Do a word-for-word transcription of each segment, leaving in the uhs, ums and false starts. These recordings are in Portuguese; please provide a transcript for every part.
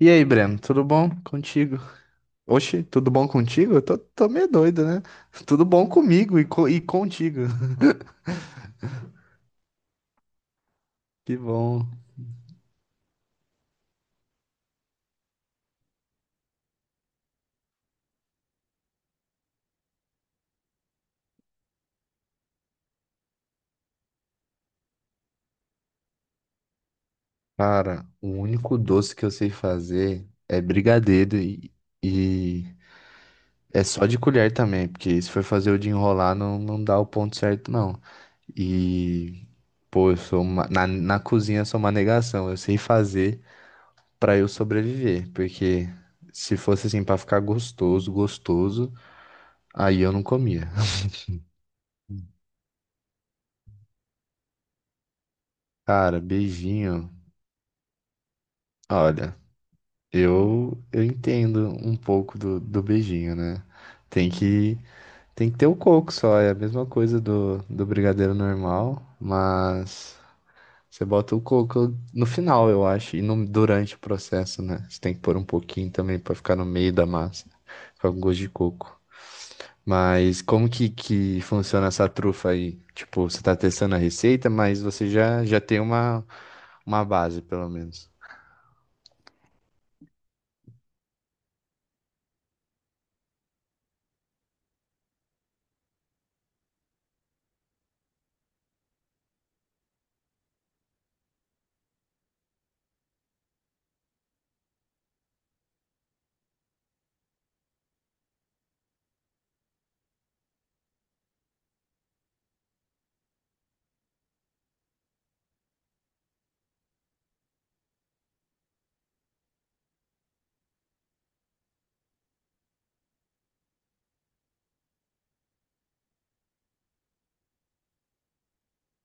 E aí, Breno, tudo bom contigo? Oxi, tudo bom contigo? Eu tô, tô meio doido, né? Tudo bom comigo e, co- e contigo. Que bom. Cara, o único doce que eu sei fazer é brigadeiro e, e é só de colher também, porque se for fazer o de enrolar, não, não dá o ponto certo, não. E, pô, eu sou uma- na, na cozinha eu sou uma negação. Eu sei fazer pra eu sobreviver, porque se fosse assim pra ficar gostoso, gostoso, aí eu não comia. Cara, beijinho. Olha, eu eu entendo um pouco do, do beijinho, né? Tem que tem que ter o coco só, é a mesma coisa do, do brigadeiro normal, mas você bota o coco no final, eu acho, e no, durante o processo, né? Você tem que pôr um pouquinho também pra ficar no meio da massa, ficar com gosto de coco. Mas como que, que funciona essa trufa aí? Tipo, você tá testando a receita, mas você já já tem uma uma base, pelo menos.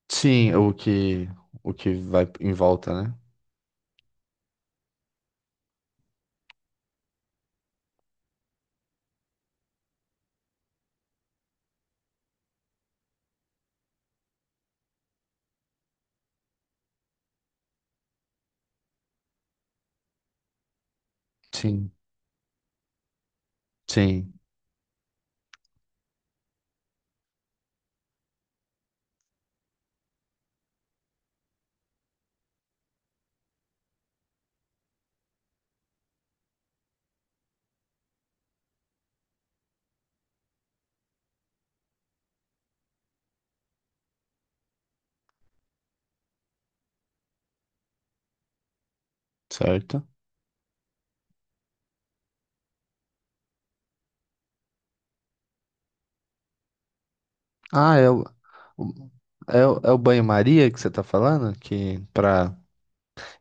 Sim, o que o que vai em volta, né? Sim, sim, certo. Ah, é o, o- é, o- é o banho-maria que você tá falando? Que para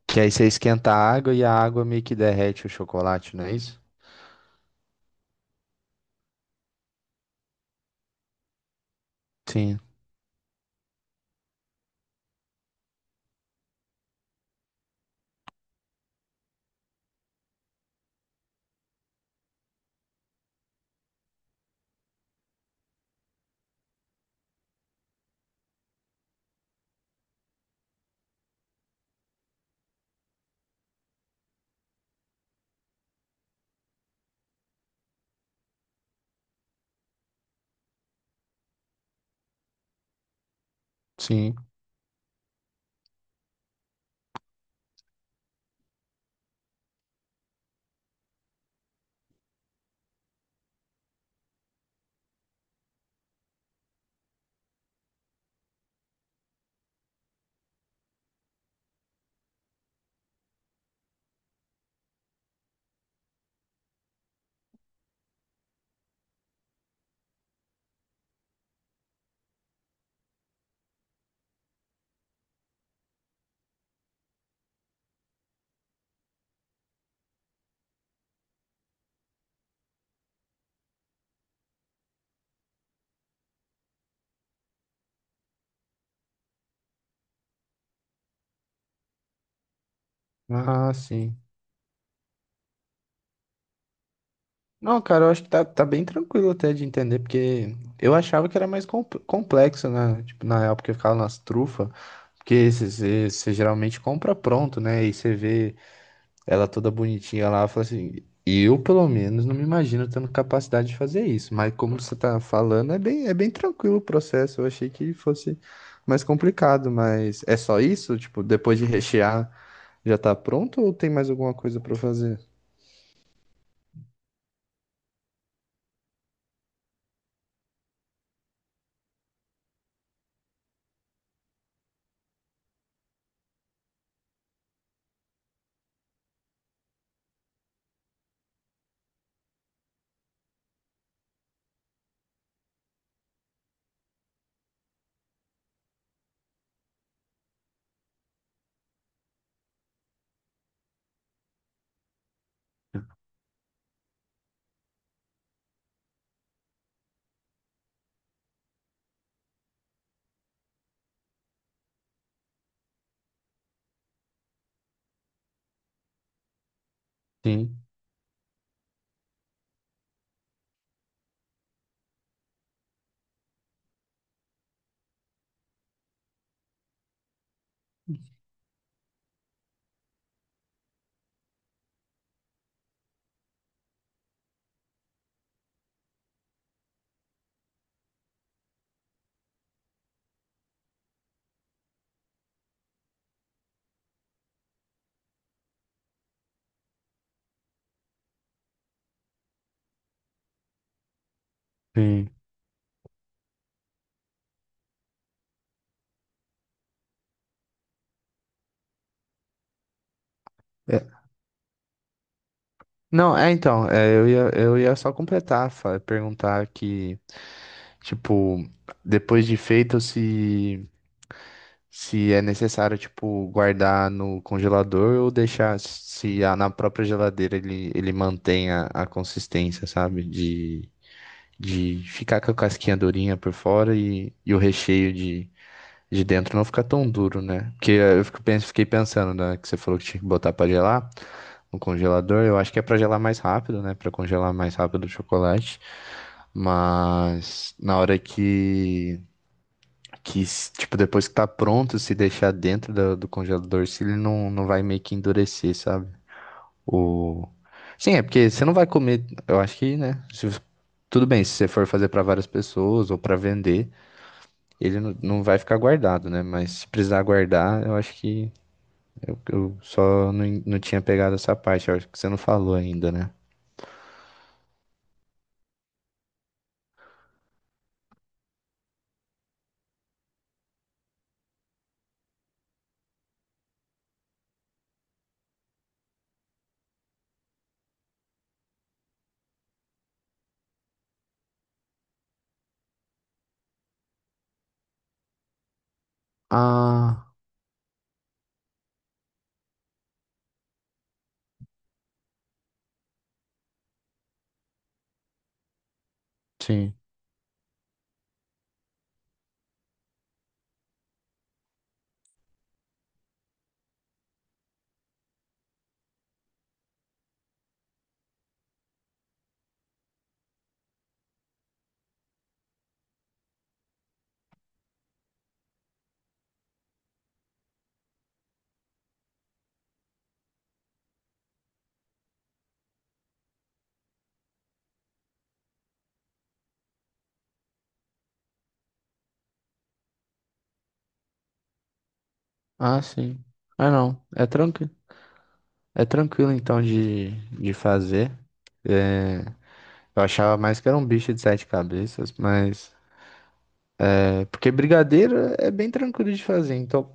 que aí você esquenta a água e a água meio que derrete o chocolate, não é isso? Sim, sim. Ah, sim. Não, cara, eu acho que tá, tá bem tranquilo até de entender, porque eu achava que era mais com- complexo, né? Tipo, na época que eu ficava nas trufas, porque você geralmente compra pronto, né? E você vê ela toda bonitinha lá, fala assim, eu pelo menos não me imagino tendo capacidade de fazer isso, mas como você tá falando, é bem, é bem tranquilo o processo, eu achei que fosse mais complicado, mas é só isso? Tipo, depois de rechear, já tá pronto ou tem mais alguma coisa pra fazer? Sim, sim. É, não, é então, é, eu ia, eu ia só completar, fa- perguntar que, tipo, depois de feito, se se é necessário, tipo, guardar no congelador ou deixar se a- na própria geladeira ele, ele mantém a, a consistência, sabe? De, de ficar com a casquinha durinha por fora e, e o recheio de, de dentro não ficar tão duro, né? Porque eh, eu fico, pens- fiquei pensando, né, que você falou que tinha que botar pra gelar no congelador. Eu acho que é pra gelar mais rápido, né? Pra congelar mais rápido o chocolate. Mas na hora que que, s- tipo, depois que tá pronto, se deixar dentro do, do congelador, se ele não, não vai meio que endurecer, sabe? O... Sim, é porque você não vai comer, eu acho que, né? Se tudo bem, se você for fazer pra várias pessoas ou pra vender, ele não, não vai ficar guardado, né? Mas se precisar guardar, eu acho que eu, eu só não, en- não tinha pegado essa parte, eu acho que você não falou ainda, né? Ah, sim. Ah, sim. Ah, não. É tranquilo. É tranquilo então de, de fazer. Eu achava mais que era um bicho de sete cabeças, mas. É, porque brigadeiro é bem tranquilo de fazer. Então,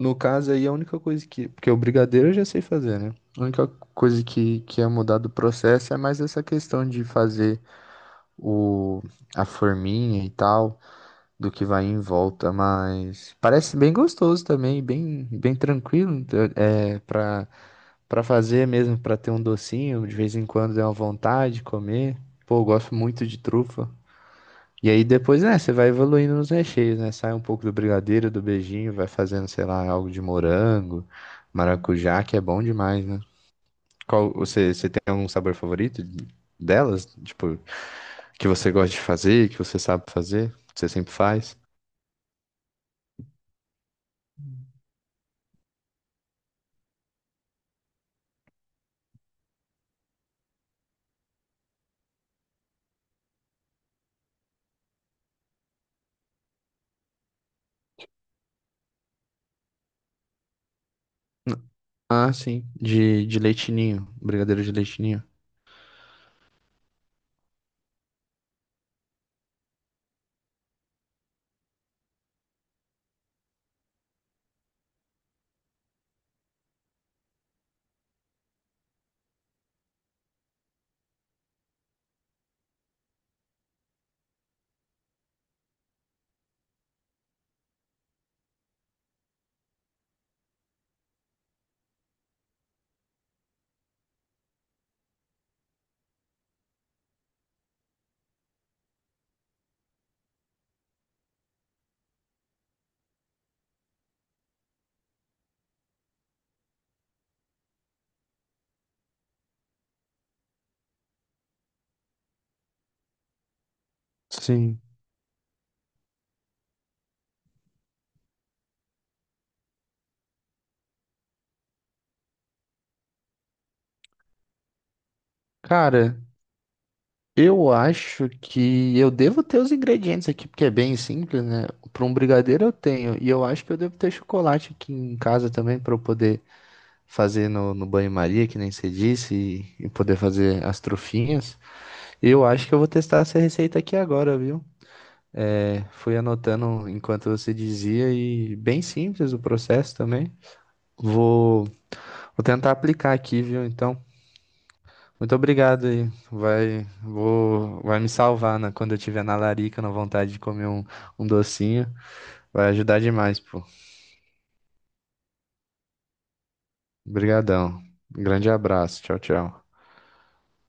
no caso aí, a única coisa que. Porque o brigadeiro eu já sei fazer, né? A única coisa que, que ia mudar do processo é mais essa questão de fazer o, a forminha e tal, do que vai em volta. Mas parece bem gostoso também, bem, bem tranquilo então é, pra, pra fazer mesmo, pra ter um docinho, de vez em quando é uma vontade de comer. Pô, eu gosto muito de trufa. E aí depois, né, você vai evoluindo nos recheios, né? Sai um pouco do brigadeiro, do beijinho, vai fazendo, sei lá, algo de morango, maracujá, que é bom demais, né? Qual, você, você tem algum sabor favorito de- delas? Tipo, que você gosta de fazer, que você sabe fazer, que você sempre faz? Ah, sim, de, de leite ninho, brigadeiro de leite ninho. Sim. Cara, eu acho que eu devo ter os ingredientes aqui, porque é bem simples, né? Para um brigadeiro eu tenho, e eu acho que eu devo ter chocolate aqui em casa também para eu poder fazer no, no banho-maria, que nem você disse, e, e poder fazer as trufinhas. Eu acho que eu vou testar essa receita aqui agora, viu? É, fui anotando enquanto você dizia, e bem simples o processo também. Vou, vou tentar aplicar aqui, viu? Então. Muito obrigado aí. Vai, vou, vai me salvar na, quando eu tiver na larica, na vontade de comer um, um docinho. Vai ajudar demais, pô. Obrigadão. Grande abraço. Tchau, tchau.